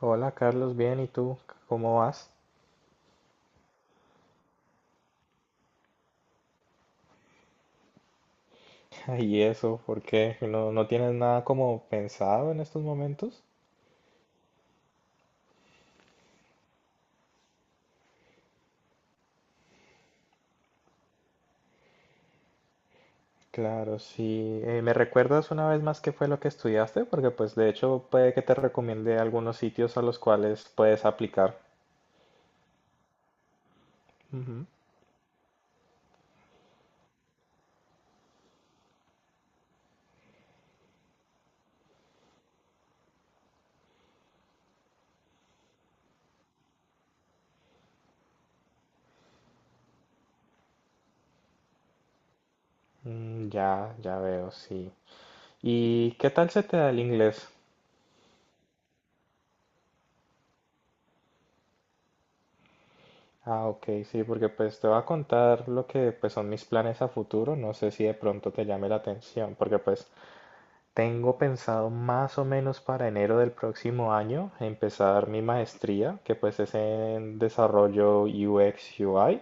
Hola Carlos, bien, ¿y tú? ¿Cómo vas? ¿Y eso? ¿Por qué? ¿No tienes nada como pensado en estos momentos? Claro, sí. ¿me recuerdas una vez más qué fue lo que estudiaste? Porque pues de hecho puede que te recomiende algunos sitios a los cuales puedes aplicar. Ujú. Mm, ya veo, sí. ¿Y qué tal se te da el inglés? Ah, ok, sí, porque pues te voy a contar lo que pues son mis planes a futuro, no sé si de pronto te llame la atención, porque pues tengo pensado más o menos para enero del próximo año empezar mi maestría, que pues es en desarrollo UX UI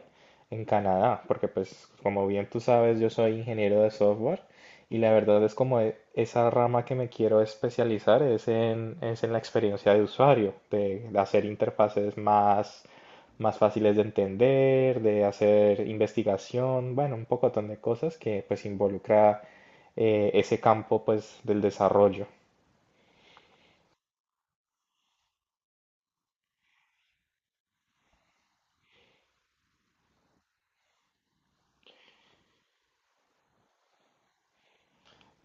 en Canadá, porque pues como bien tú sabes, yo soy ingeniero de software y la verdad es como esa rama que me quiero especializar es en la experiencia de usuario, de hacer interfaces más, más fáciles de entender, de hacer investigación, bueno, un pocotón de cosas que pues involucra ese campo pues del desarrollo.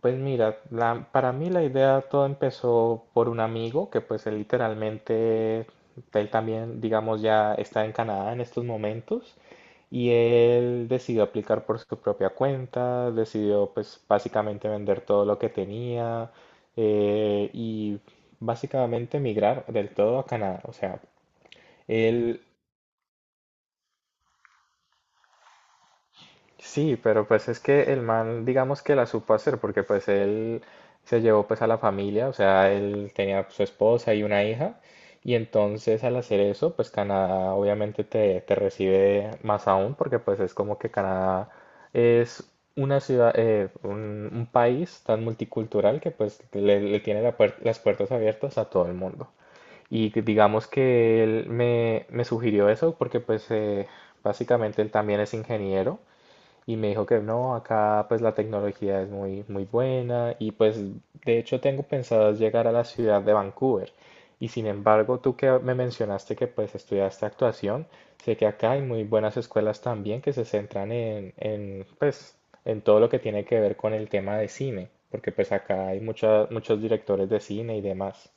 Pues mira, para mí la idea todo empezó por un amigo que pues él literalmente, él también digamos ya está en Canadá en estos momentos y él decidió aplicar por su propia cuenta, decidió pues básicamente vender todo lo que tenía y básicamente migrar del todo a Canadá. O sea, él. Sí, pero pues es que el man, digamos que la supo hacer, porque pues él se llevó pues a la familia, o sea, él tenía pues, su esposa y una hija, y entonces al hacer eso, pues Canadá obviamente te recibe más aún, porque pues es como que Canadá es una ciudad, un país tan multicultural que pues le tiene la las puertas abiertas a todo el mundo. Y que digamos que él me sugirió eso porque pues básicamente él también es ingeniero y me dijo que no, acá pues la tecnología es muy, muy buena y pues de hecho tengo pensado llegar a la ciudad de Vancouver. Y sin embargo, tú que me mencionaste que pues estudiaste actuación, sé que acá hay muy buenas escuelas también que se centran en pues en todo lo que tiene que ver con el tema de cine, porque pues acá hay muchos directores de cine y demás.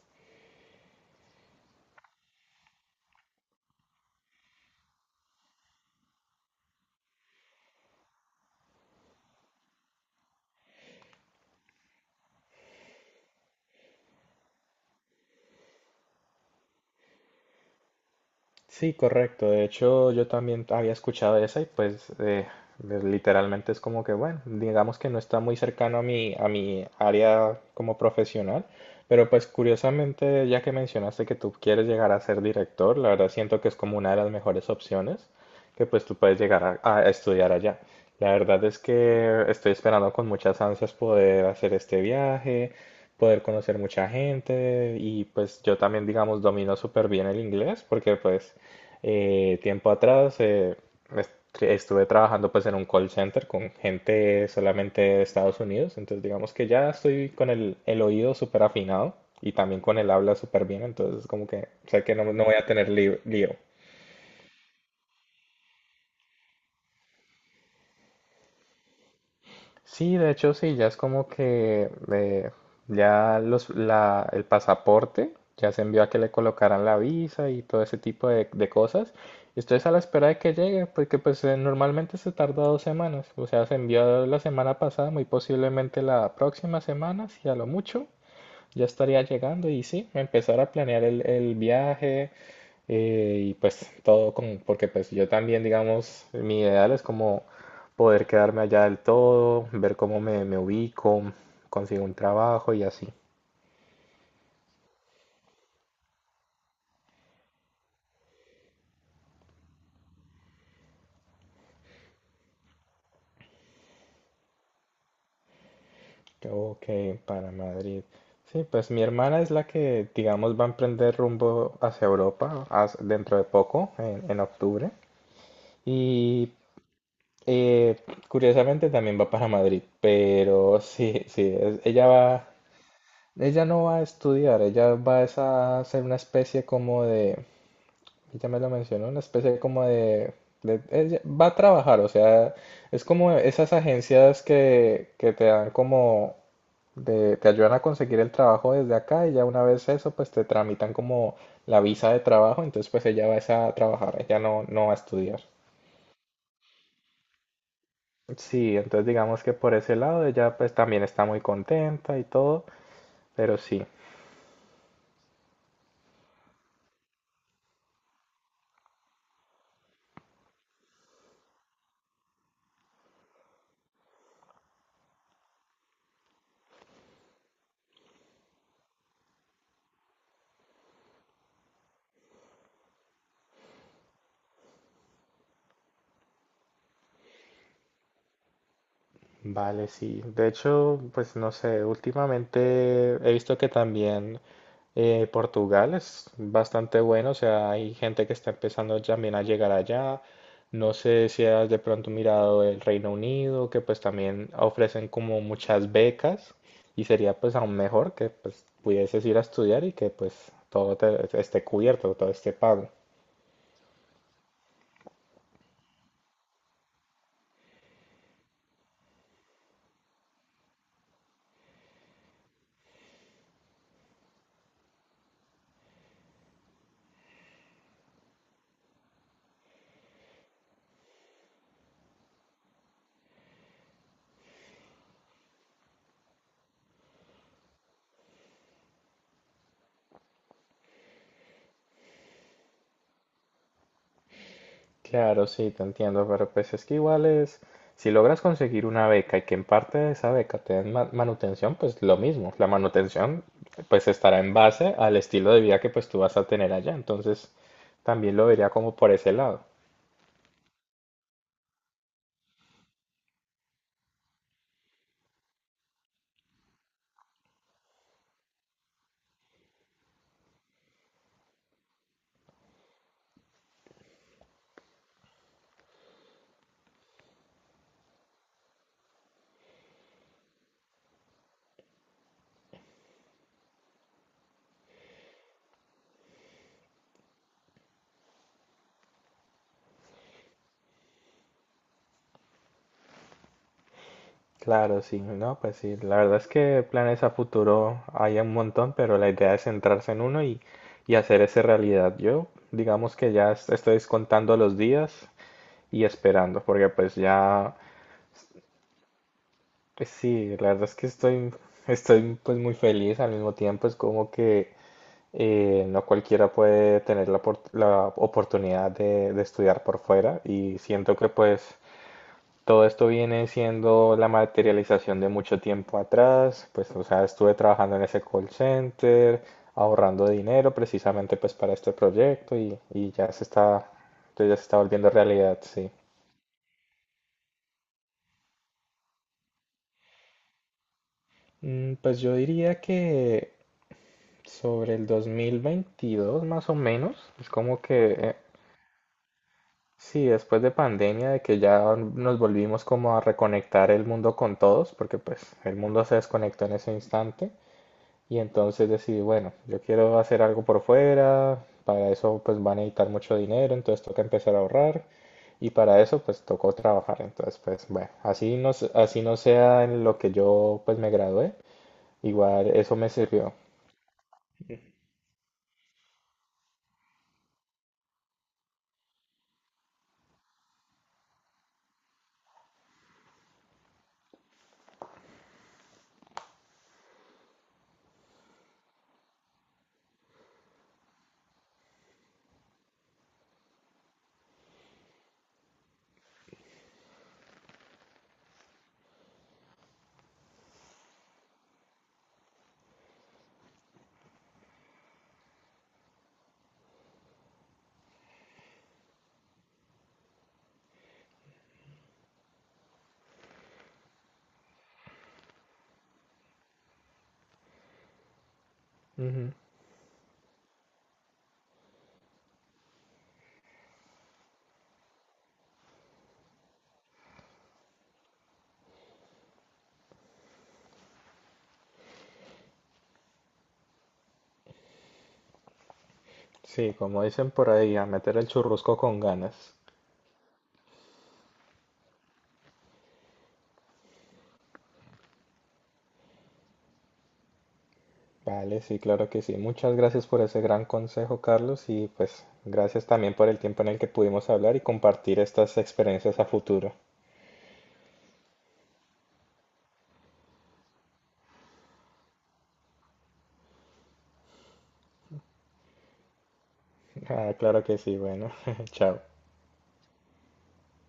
Sí, correcto. De hecho, yo también había escuchado esa y pues pues, literalmente es como que, bueno, digamos que no está muy cercano a mi área como profesional, pero pues curiosamente, ya que mencionaste que tú quieres llegar a ser director, la verdad siento que es como una de las mejores opciones que pues tú puedes llegar a estudiar allá. La verdad es que estoy esperando con muchas ansias poder hacer este viaje, poder conocer mucha gente y pues yo también digamos domino súper bien el inglés porque pues tiempo atrás estuve trabajando pues en un call center con gente solamente de Estados Unidos, entonces digamos que ya estoy con el oído súper afinado y también con el habla súper bien, entonces como que sé que no voy a tener lío. Sí, de hecho sí, ya es como que ya el pasaporte ya se envió a que le colocaran la visa y todo ese tipo de cosas. Estoy a la espera de que llegue, porque pues normalmente se tarda dos semanas. O sea, se envió la semana pasada, muy posiblemente la próxima semana, si a lo mucho ya estaría llegando y sí, empezar a planear el viaje y pues todo con, porque pues yo también, digamos, mi ideal es como poder quedarme allá del todo, ver cómo me ubico, consigo un trabajo y así. Ok, para Madrid. Sí, pues mi hermana es la que, digamos, va a emprender rumbo hacia Europa dentro de poco, en octubre. Y eh, curiosamente también va para Madrid, pero sí, sí, ella va. Ella no va a estudiar, ella va es a hacer una especie como de, ella me lo mencionó, una especie como de, ella va a trabajar, o sea, es como esas agencias que te dan como, te ayudan a conseguir el trabajo desde acá y ya una vez eso, pues te tramitan como la visa de trabajo, entonces pues ella va es a trabajar, ella no va a estudiar. Sí, entonces digamos que por ese lado ella pues también está muy contenta y todo, pero sí. Vale, sí. De hecho, pues no sé, últimamente he visto que también Portugal es bastante bueno, o sea, hay gente que está empezando también a llegar allá. No sé si has de pronto mirado el Reino Unido, que pues también ofrecen como muchas becas y sería pues aún mejor que pues pudieses ir a estudiar y que pues todo esté cubierto, todo esté pago. Claro, sí, te entiendo, pero pues es que igual es, si logras conseguir una beca y que en parte de esa beca te den manutención, pues lo mismo, la manutención pues estará en base al estilo de vida que pues tú vas a tener allá, entonces también lo vería como por ese lado. Claro, sí, no, pues sí, la verdad es que planes a futuro hay un montón, pero la idea es centrarse en uno y hacer esa realidad. Yo, digamos que ya estoy contando los días y esperando, porque pues ya. Pues sí, la verdad es que estoy, estoy pues muy feliz al mismo tiempo, es como que no cualquiera puede tener la, la oportunidad de estudiar por fuera y siento que pues todo esto viene siendo la materialización de mucho tiempo atrás, pues o sea, estuve trabajando en ese call center, ahorrando dinero precisamente pues para este proyecto y ya se está volviendo realidad, sí. Mm, pues yo diría que sobre el 2022 más o menos, es como que, sí, después de pandemia, de que ya nos volvimos como a reconectar el mundo con todos, porque pues el mundo se desconectó en ese instante, y entonces decidí, bueno, yo quiero hacer algo por fuera, para eso pues van a necesitar mucho dinero, entonces toca empezar a ahorrar, y para eso pues tocó trabajar, entonces pues bueno, así no, así no sea en lo que yo pues me gradué, igual eso me sirvió. Sí, como dicen por ahí, a meter el churrusco con ganas. Vale, sí, claro que sí. Muchas gracias por ese gran consejo, Carlos, y pues gracias también por el tiempo en el que pudimos hablar y compartir estas experiencias a futuro. Ah, claro que sí, bueno, chao.